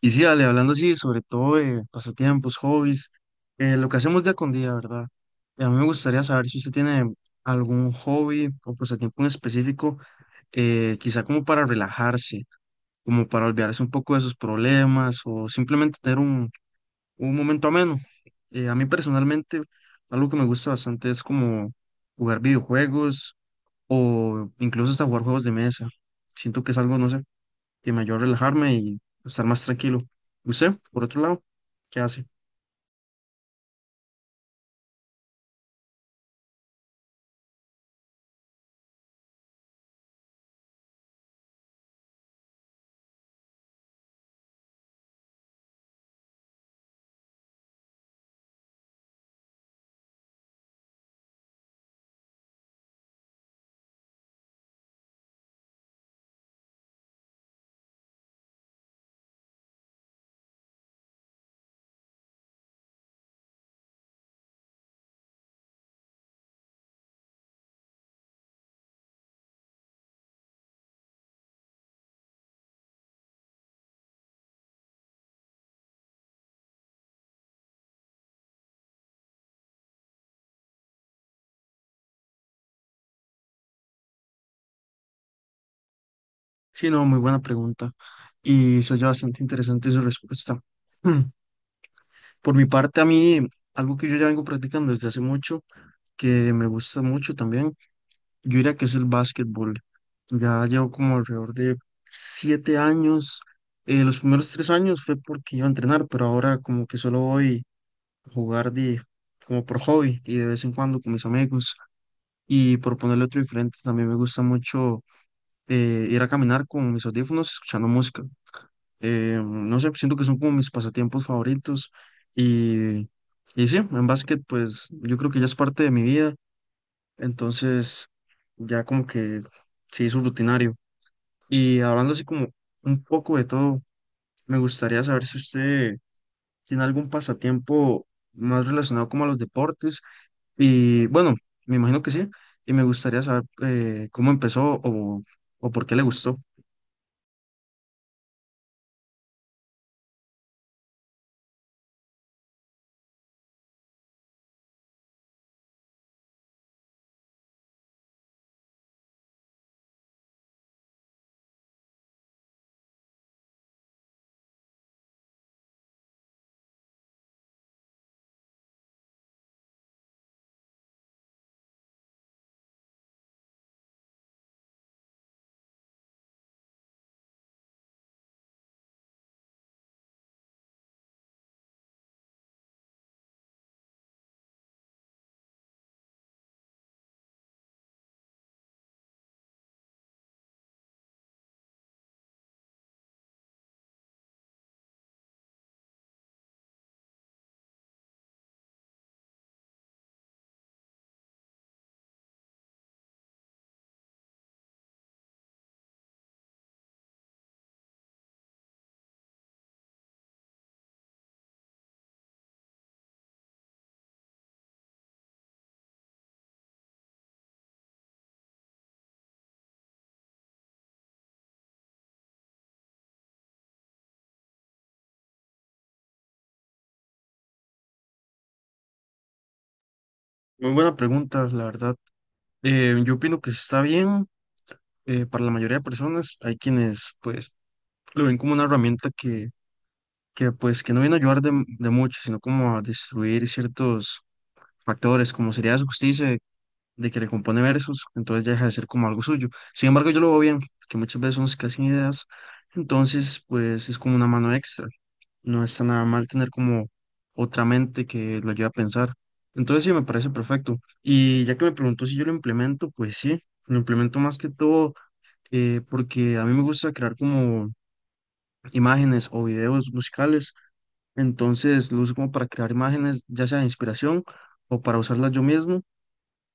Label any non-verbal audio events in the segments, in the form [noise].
Y sí, Ale, hablando así, sobre todo de pasatiempos, hobbies, lo que hacemos día con día, ¿verdad? Y a mí me gustaría saber si usted tiene algún hobby o pasatiempo en específico, quizá como para relajarse, como para olvidarse un poco de sus problemas o simplemente tener un momento ameno. A mí personalmente, algo que me gusta bastante es como jugar videojuegos o incluso hasta jugar juegos de mesa. Siento que es algo, no sé y me ayudó a relajarme y estar más tranquilo. ¿Usted, por otro lado, qué hace? Sí, no, muy buena pregunta. Y se oye bastante interesante su respuesta. [clears throat] Hmm. Por mi parte, a mí, algo que yo ya vengo practicando desde hace mucho, que me gusta mucho también, yo diría que es el básquetbol. Ya llevo como alrededor de 7 años. Los primeros 3 años fue porque iba a entrenar, pero ahora como que solo voy a jugar como por hobby y de vez en cuando con mis amigos. Y por ponerle otro diferente, también me gusta mucho ir a caminar con mis audífonos escuchando música. No sé, siento que son como mis pasatiempos favoritos. Y, y sí, en básquet, pues yo creo que ya es parte de mi vida. Entonces, ya como que se hizo rutinario. Y hablando así como un poco de todo, me gustaría saber si usted tiene algún pasatiempo más relacionado como a los deportes. Y bueno, me imagino que sí. Y me gustaría saber cómo empezó o por qué le gustó. Muy buena pregunta, la verdad. Yo opino que está bien para la mayoría de personas. Hay quienes pues lo ven como una herramienta que pues que no viene a ayudar de mucho, sino como a destruir ciertos factores, como sería su justicia de que le compone versos, entonces ya deja de ser como algo suyo. Sin embargo, yo lo veo bien, que muchas veces son escasas ideas, entonces pues es como una mano extra. No está nada mal tener como otra mente que lo ayude a pensar. Entonces sí, me parece perfecto. Y ya que me preguntó si yo lo implemento, pues sí, lo implemento más que todo porque a mí me gusta crear como imágenes o videos musicales. Entonces lo uso como para crear imágenes, ya sea de inspiración o para usarlas yo mismo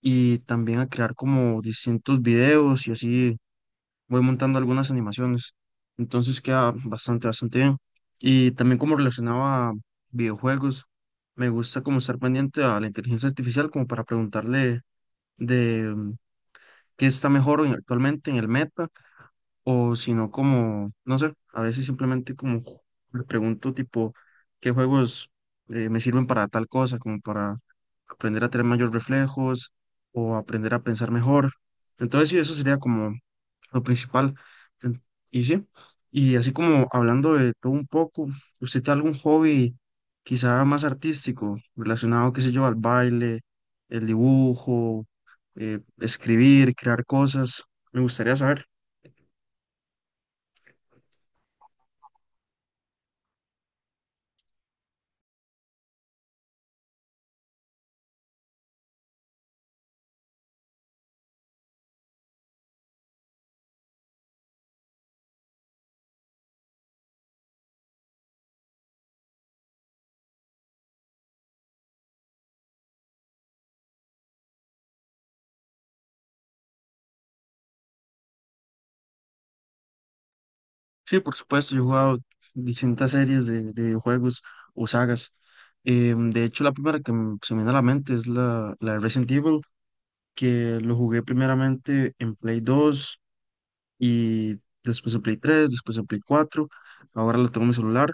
y también a crear como distintos videos y así voy montando algunas animaciones. Entonces queda bastante, bastante bien. Y también como relacionaba videojuegos, me gusta como estar pendiente a la inteligencia artificial como para preguntarle de qué está mejor actualmente en el meta o si no como, no sé, a veces simplemente como le pregunto tipo qué juegos me sirven para tal cosa, como para aprender a tener mayores reflejos o aprender a pensar mejor. Entonces sí, eso sería como lo principal. En- Y sí, y así como hablando de todo un poco, ¿usted tiene algún hobby quizá más artístico, relacionado, qué sé yo, al baile, el dibujo, escribir, crear cosas? Me gustaría saber. Sí, por supuesto, yo he jugado distintas series de videojuegos o sagas. De hecho, la primera que se me viene a la mente es la de Resident Evil, que lo jugué primeramente en Play 2 y después en Play 3, después en Play 4, ahora lo tengo en mi celular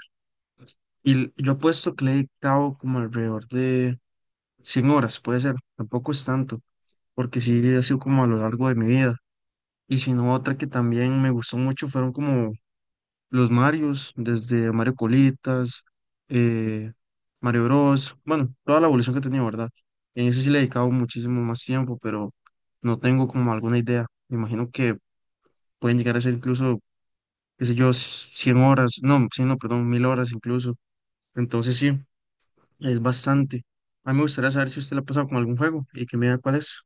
y yo apuesto que le he dictado como alrededor de 100 horas, puede ser, tampoco es tanto, porque sí ha sido como a lo largo de mi vida. Y si no, otra que también me gustó mucho fueron como los Marios, desde Mario Colitas, eh, Mario Bros, bueno, toda la evolución que he tenido, ¿verdad? En eso sí le he dedicado muchísimo más tiempo, pero no tengo como alguna idea. Me imagino que pueden llegar a ser incluso qué sé yo, 100 horas, no, 100, no, perdón, 1000 horas incluso. Entonces sí, es bastante. A mí me gustaría saber si usted la ha pasado con algún juego y que me diga cuál es.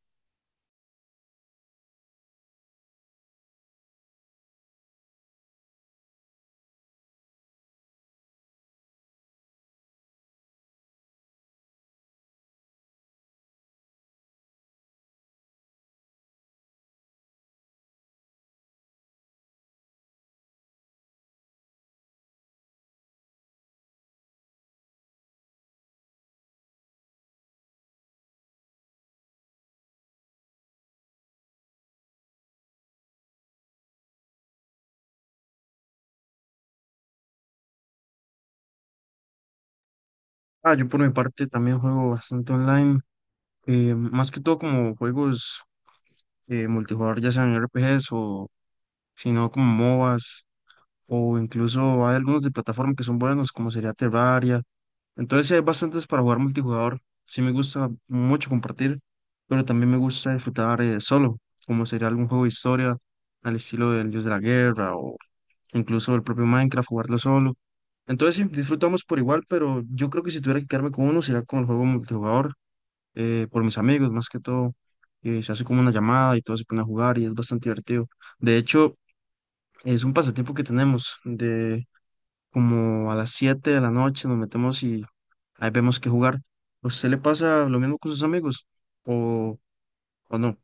Ah, yo por mi parte también juego bastante online, más que todo como juegos multijugador, ya sean RPGs o si no como MOBAs o incluso hay algunos de plataforma que son buenos como sería Terraria. Entonces sí hay bastantes para jugar multijugador. Sí me gusta mucho compartir, pero también me gusta disfrutar solo, como sería algún juego de historia al estilo del Dios de la Guerra o incluso el propio Minecraft, jugarlo solo. Entonces sí, disfrutamos por igual, pero yo creo que si tuviera que quedarme con uno sería con el juego multijugador, por mis amigos más que todo. Se hace como una llamada y todos se ponen a jugar y es bastante divertido. De hecho, es un pasatiempo que tenemos de como a las 7 de la noche nos metemos y ahí vemos qué jugar. ¿A usted le pasa lo mismo con sus amigos o, o no?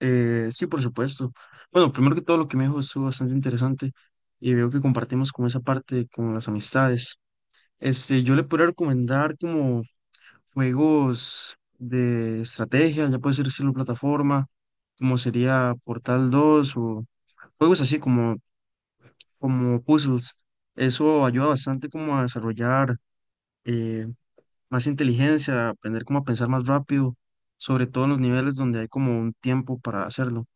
Sí, por supuesto. Bueno, primero que todo lo que me dijo estuvo bastante interesante y veo que compartimos como esa parte con las amistades. Este, yo le podría recomendar como juegos de estrategia, ya puede ser estilo plataforma, como sería Portal 2 o juegos así como puzzles. Eso ayuda bastante como a desarrollar eh, más inteligencia, aprender cómo a pensar más rápido, sobre todo en los niveles donde hay como un tiempo para hacerlo.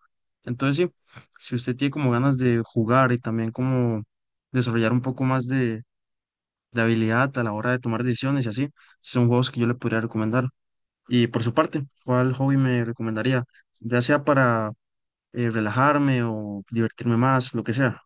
Entonces, sí, si usted tiene como ganas de jugar y también como desarrollar un poco más de habilidad a la hora de tomar decisiones y así, son juegos que yo le podría recomendar. Y por su parte, ¿cuál hobby me recomendaría? Ya sea para relajarme o divertirme más, lo que sea.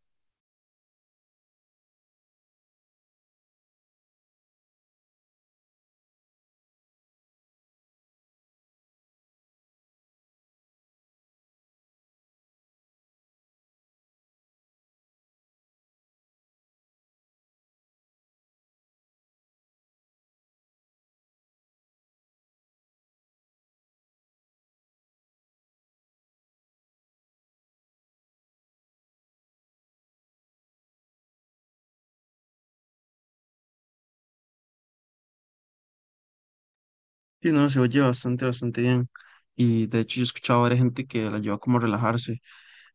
Y no, se oye bastante, bastante bien. Y de hecho, yo he escuchado a varias gente que la ayuda como a relajarse.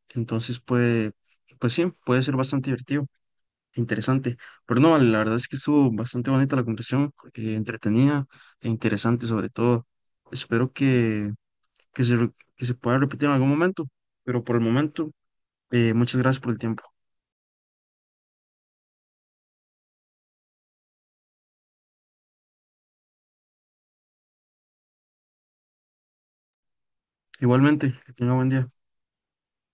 Entonces puede, pues sí, puede ser bastante divertido, interesante. Pero no, la verdad es que estuvo bastante bonita la conversación, entretenida e interesante sobre todo. Espero que se pueda repetir en algún momento, pero por el momento, muchas gracias por el tiempo. Igualmente, que tenga buen día.